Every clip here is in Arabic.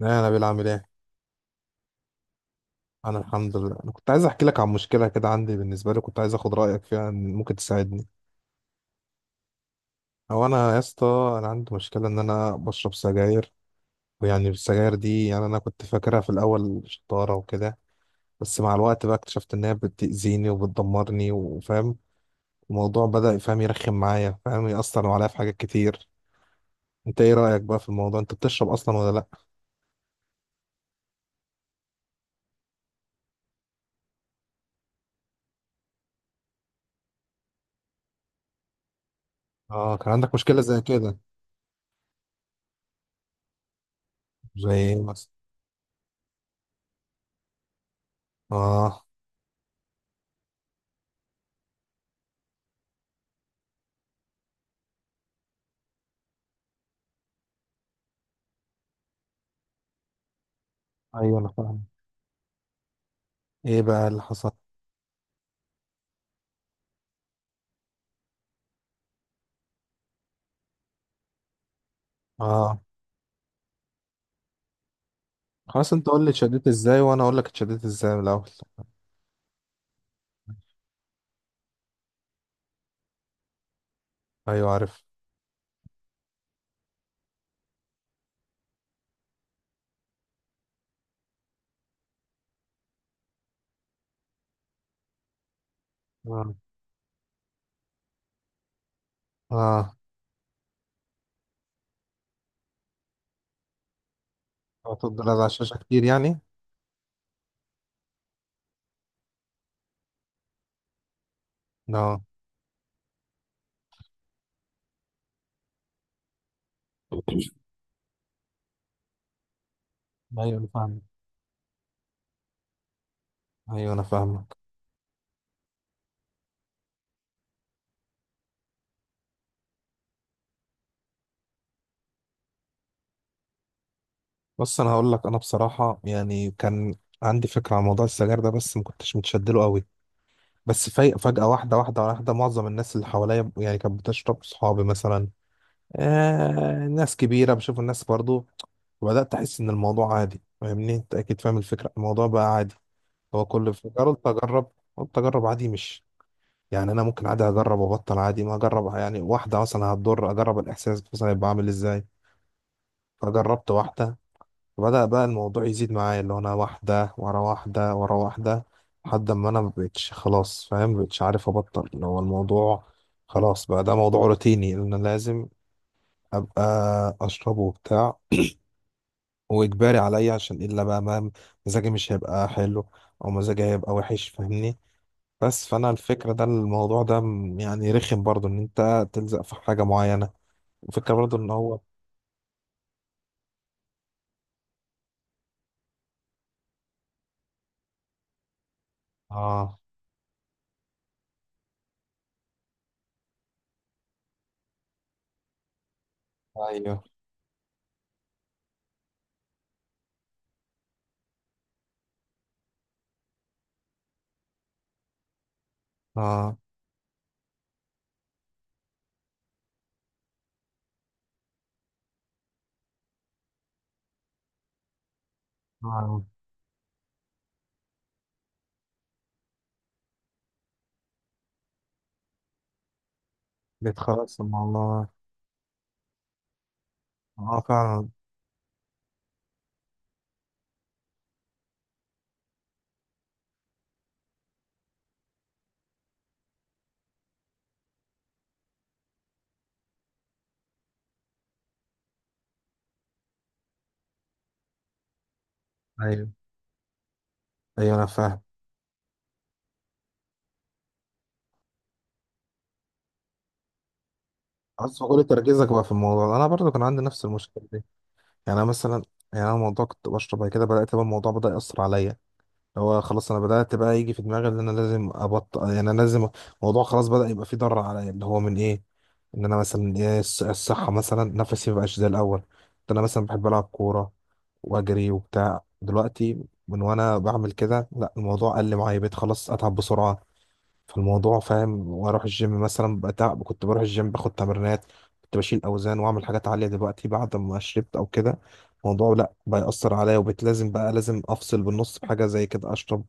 لا، انا بيلعب ايه. انا الحمد لله، انا كنت عايز احكي لك عن مشكله كده عندي بالنسبه لي. كنت عايز اخد رايك فيها إن ممكن تساعدني. او انا يا اسطى. انا عندي مشكله ان انا بشرب سجاير. ويعني السجاير دي، يعني انا كنت فاكرها في الاول شطاره وكده. بس مع الوقت بقى اكتشفت ان هي بتاذيني وبتدمرني، وفاهم الموضوع بدا فاهم يرخم معايا، فاهم ياثر عليا في حاجات كتير. انت ايه رايك بقى في الموضوع؟ انت بتشرب اصلا ولا لا؟ اه، كان عندك مشكله زي كده. زي ايه مثلا؟ اه، ايوه، انا فاهم. ايه بقى اللي حصل؟ اه، خلاص، انت قول لي اتشددت ازاي وانا اقول لك اتشددت ازاي من الاول. ايوه عارف. اه. اه. هتفضل على الشاشه كتير يعني. اه، ايوه، انا فاهمك. ايوه، انا فاهمك. بص، انا هقول لك. انا بصراحه يعني كان عندي فكره عن موضوع السجاير ده، بس ما كنتش متشدله قوي. بس فجاه، واحده واحده واحده. معظم الناس اللي حواليا يعني كانت بتشرب، صحابي مثلا، ناس كبيره، بشوف الناس برضو. وبدات احس ان الموضوع عادي، فاهمني؟ انت اكيد فاهم الفكره، الموضوع بقى عادي. هو كل فكره قلت اجرب. قلت اجرب عادي، مش يعني انا ممكن عادي اجرب وابطل عادي ما اجرب. يعني واحده مثلا هتضر، اجرب الاحساس مثلا يبقى عامل ازاي. فجربت واحده. فبدا بقى الموضوع يزيد معايا، اللي هو انا واحده ورا واحده ورا واحده، لحد ما انا مبقتش خلاص فاهم، مبقتش عارف ابطل. اللي هو الموضوع خلاص بقى ده موضوع روتيني، ان انا لازم ابقى اشربه وبتاع، واجباري عليا، عشان الا بقى ما مزاجي مش هيبقى حلو، او مزاجي هيبقى وحش، فاهمني؟ بس فانا الفكره ده، الموضوع ده يعني رخم برضو ان انت تلزق في حاجه معينه. وفكره برضو ان هو. اه. ايوه. اه. اه. بيتخلص من الله. اه فعلا. ايوه، ايوه، انا فاهم. اصل كل تركيزك بقى في الموضوع ده. انا برضو كان عندي نفس المشكله دي. يعني أنا مثلا، يعني انا الموضوع كنت بشرب، بعد كده بدات بقى الموضوع بدا ياثر عليا. هو خلاص انا بدأت بقى يجي في دماغي ان انا لازم ابطل، يعني انا لازم. الموضوع خلاص بدأ يبقى فيه ضرر عليا، اللي هو من ايه؟ ان انا مثلا ايه، الصحة مثلا، نفسي مبقاش زي الاول. كنت انا مثلا بحب العب كورة واجري وبتاع، دلوقتي من وانا بعمل كده، لا، الموضوع قل معايا، بقيت خلاص اتعب بسرعة. فالموضوع فاهم. واروح الجيم مثلا بتعب، كنت بروح الجيم باخد تمرينات، كنت بشيل اوزان واعمل حاجات عالية، دلوقتي بعد ما شربت او كده الموضوع لا بيأثر عليا، وبقيت لازم بقى لازم افصل بالنص بحاجة زي كده اشرب.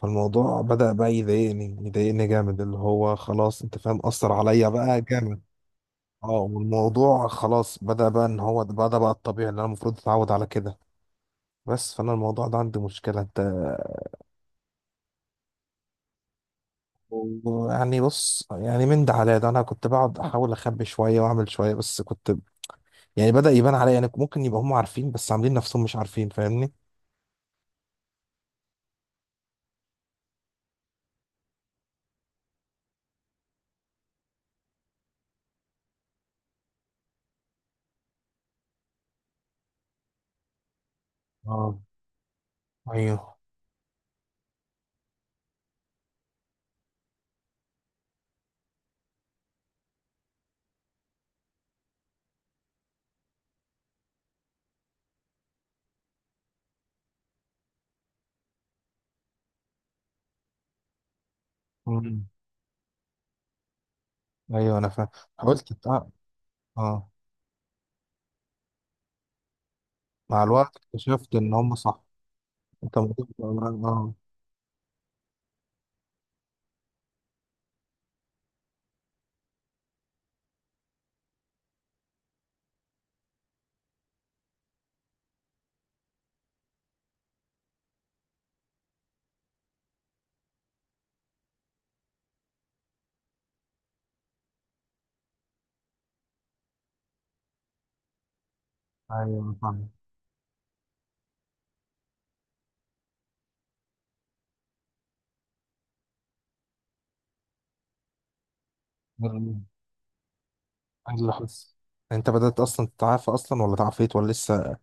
فالموضوع بدأ بقى يضايقني، يضايقني جامد، اللي هو خلاص انت فاهم، أثر عليا بقى جامد. اه، والموضوع خلاص بدأ بقى ان هو بدأ بقى الطبيعي اللي انا المفروض اتعود على كده. بس فانا الموضوع ده عندي مشكلة انت. يعني بص، يعني من ده على ده انا كنت بقعد احاول اخبي شوية واعمل شوية، بس كنت يعني بدأ يبان عليا، يعني ممكن يبقى هم عارفين بس عاملين نفسهم مش عارفين، فاهمني؟ اه. ايوه. مم. ايوه انا فاهم. حاولت اه. آه. مع الوقت اكتشفت ان هم صح. انت اه. ايوه فاهم. ال- اللي حصل. انت بدأت اصلا تتعافى اصلا، ولا تعافيت، ولا لسه؟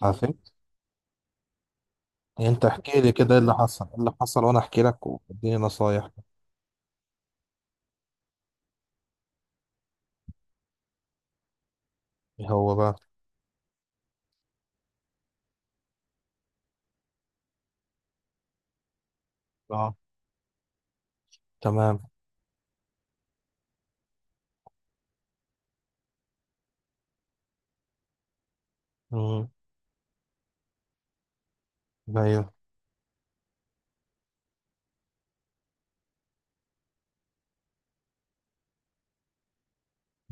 تعافيت. يعني انت احكي لي كده ايه اللي حصل، ايه اللي حصل، وانا احكي لك واديني نصايح. ايه هو بقى؟ اه. تمام. امم ايوه.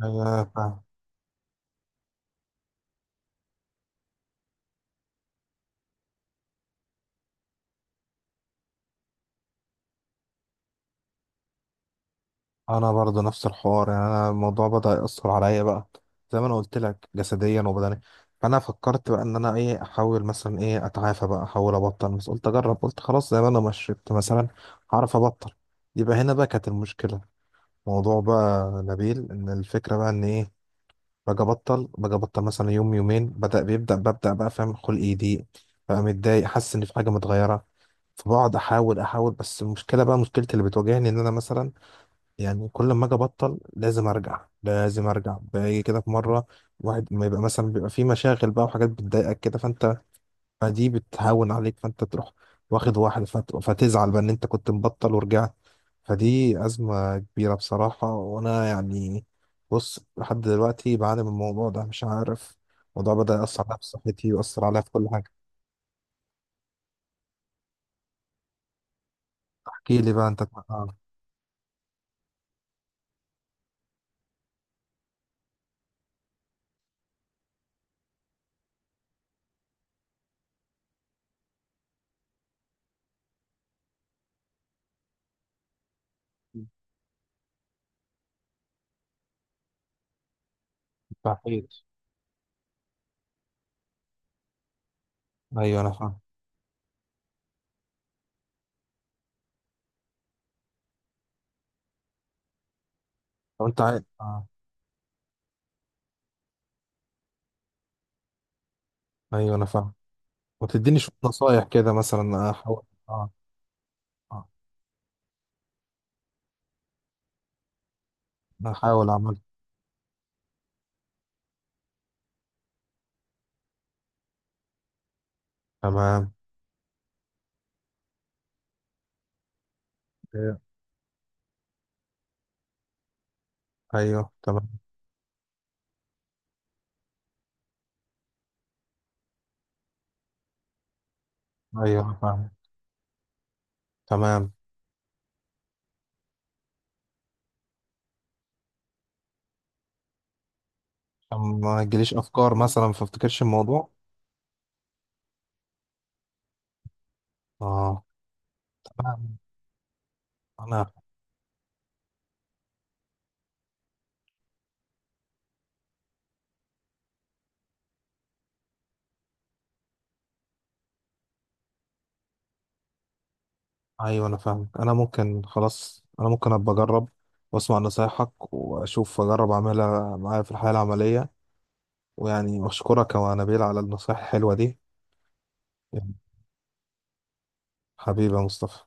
ايوه فاهم. انا برضو نفس الحوار، يعني انا الموضوع بدأ يأثر عليا بقى، زي ما انا قلت لك، جسديا وبدنيا. فانا فكرت بقى ان انا ايه، احاول مثلا ايه اتعافى بقى، احاول ابطل. بس قلت اجرب، قلت خلاص زي ما انا ما شربت مثلا، هعرف ابطل. يبقى هنا بقى كانت المشكلة. موضوع بقى نبيل، ان الفكره بقى ان ايه، باجي ابطل، باجي ابطل مثلا يوم يومين، بدا بيبدا ببدا بقى فاهم خلقي يضيق، بقى متضايق، حاسس ان في حاجه متغيره. فبقعد احاول، احاول، بس المشكله بقى، مشكلتي اللي بتواجهني، ان انا مثلا يعني كل ما اجي ابطل لازم ارجع، لازم ارجع، باجي كده في مره واحد ما يبقى مثلا بيبقى في مشاغل بقى وحاجات بتضايقك كده فانت، فدي بتهون عليك فانت تروح واخد واحد، فتزعل بقى ان انت كنت مبطل ورجعت. فدي أزمة كبيرة بصراحة. وأنا يعني، بص، لحد دلوقتي بعاني من الموضوع ده، مش عارف. الموضوع بدأ يأثر عليا في صحتي، ويأثر عليا في كل حاجة. احكي لي بقى أنت. آه. بحكيت. أيوه أنا فاهم. لو أنت عايز. آه. أيوه أنا فاهم. وتديني شوية نصايح كده مثلا، أحاول. آه. آه. أحاول أعمل. تمام. إيه. أيوه تمام. أيوه أنا فاهم. تمام، عشان ما تجيليش أفكار مثلا فافتكرش الموضوع. آه. تمام. أنا. ايوه انا فاهمك، انا ممكن خلاص، انا ممكن ابقى اجرب واسمع نصايحك واشوف، اجرب اعملها معايا في الحياه العمليه. ويعني اشكرك يا نبيل على النصايح الحلوه دي. يعني حبيبي يا مصطفى.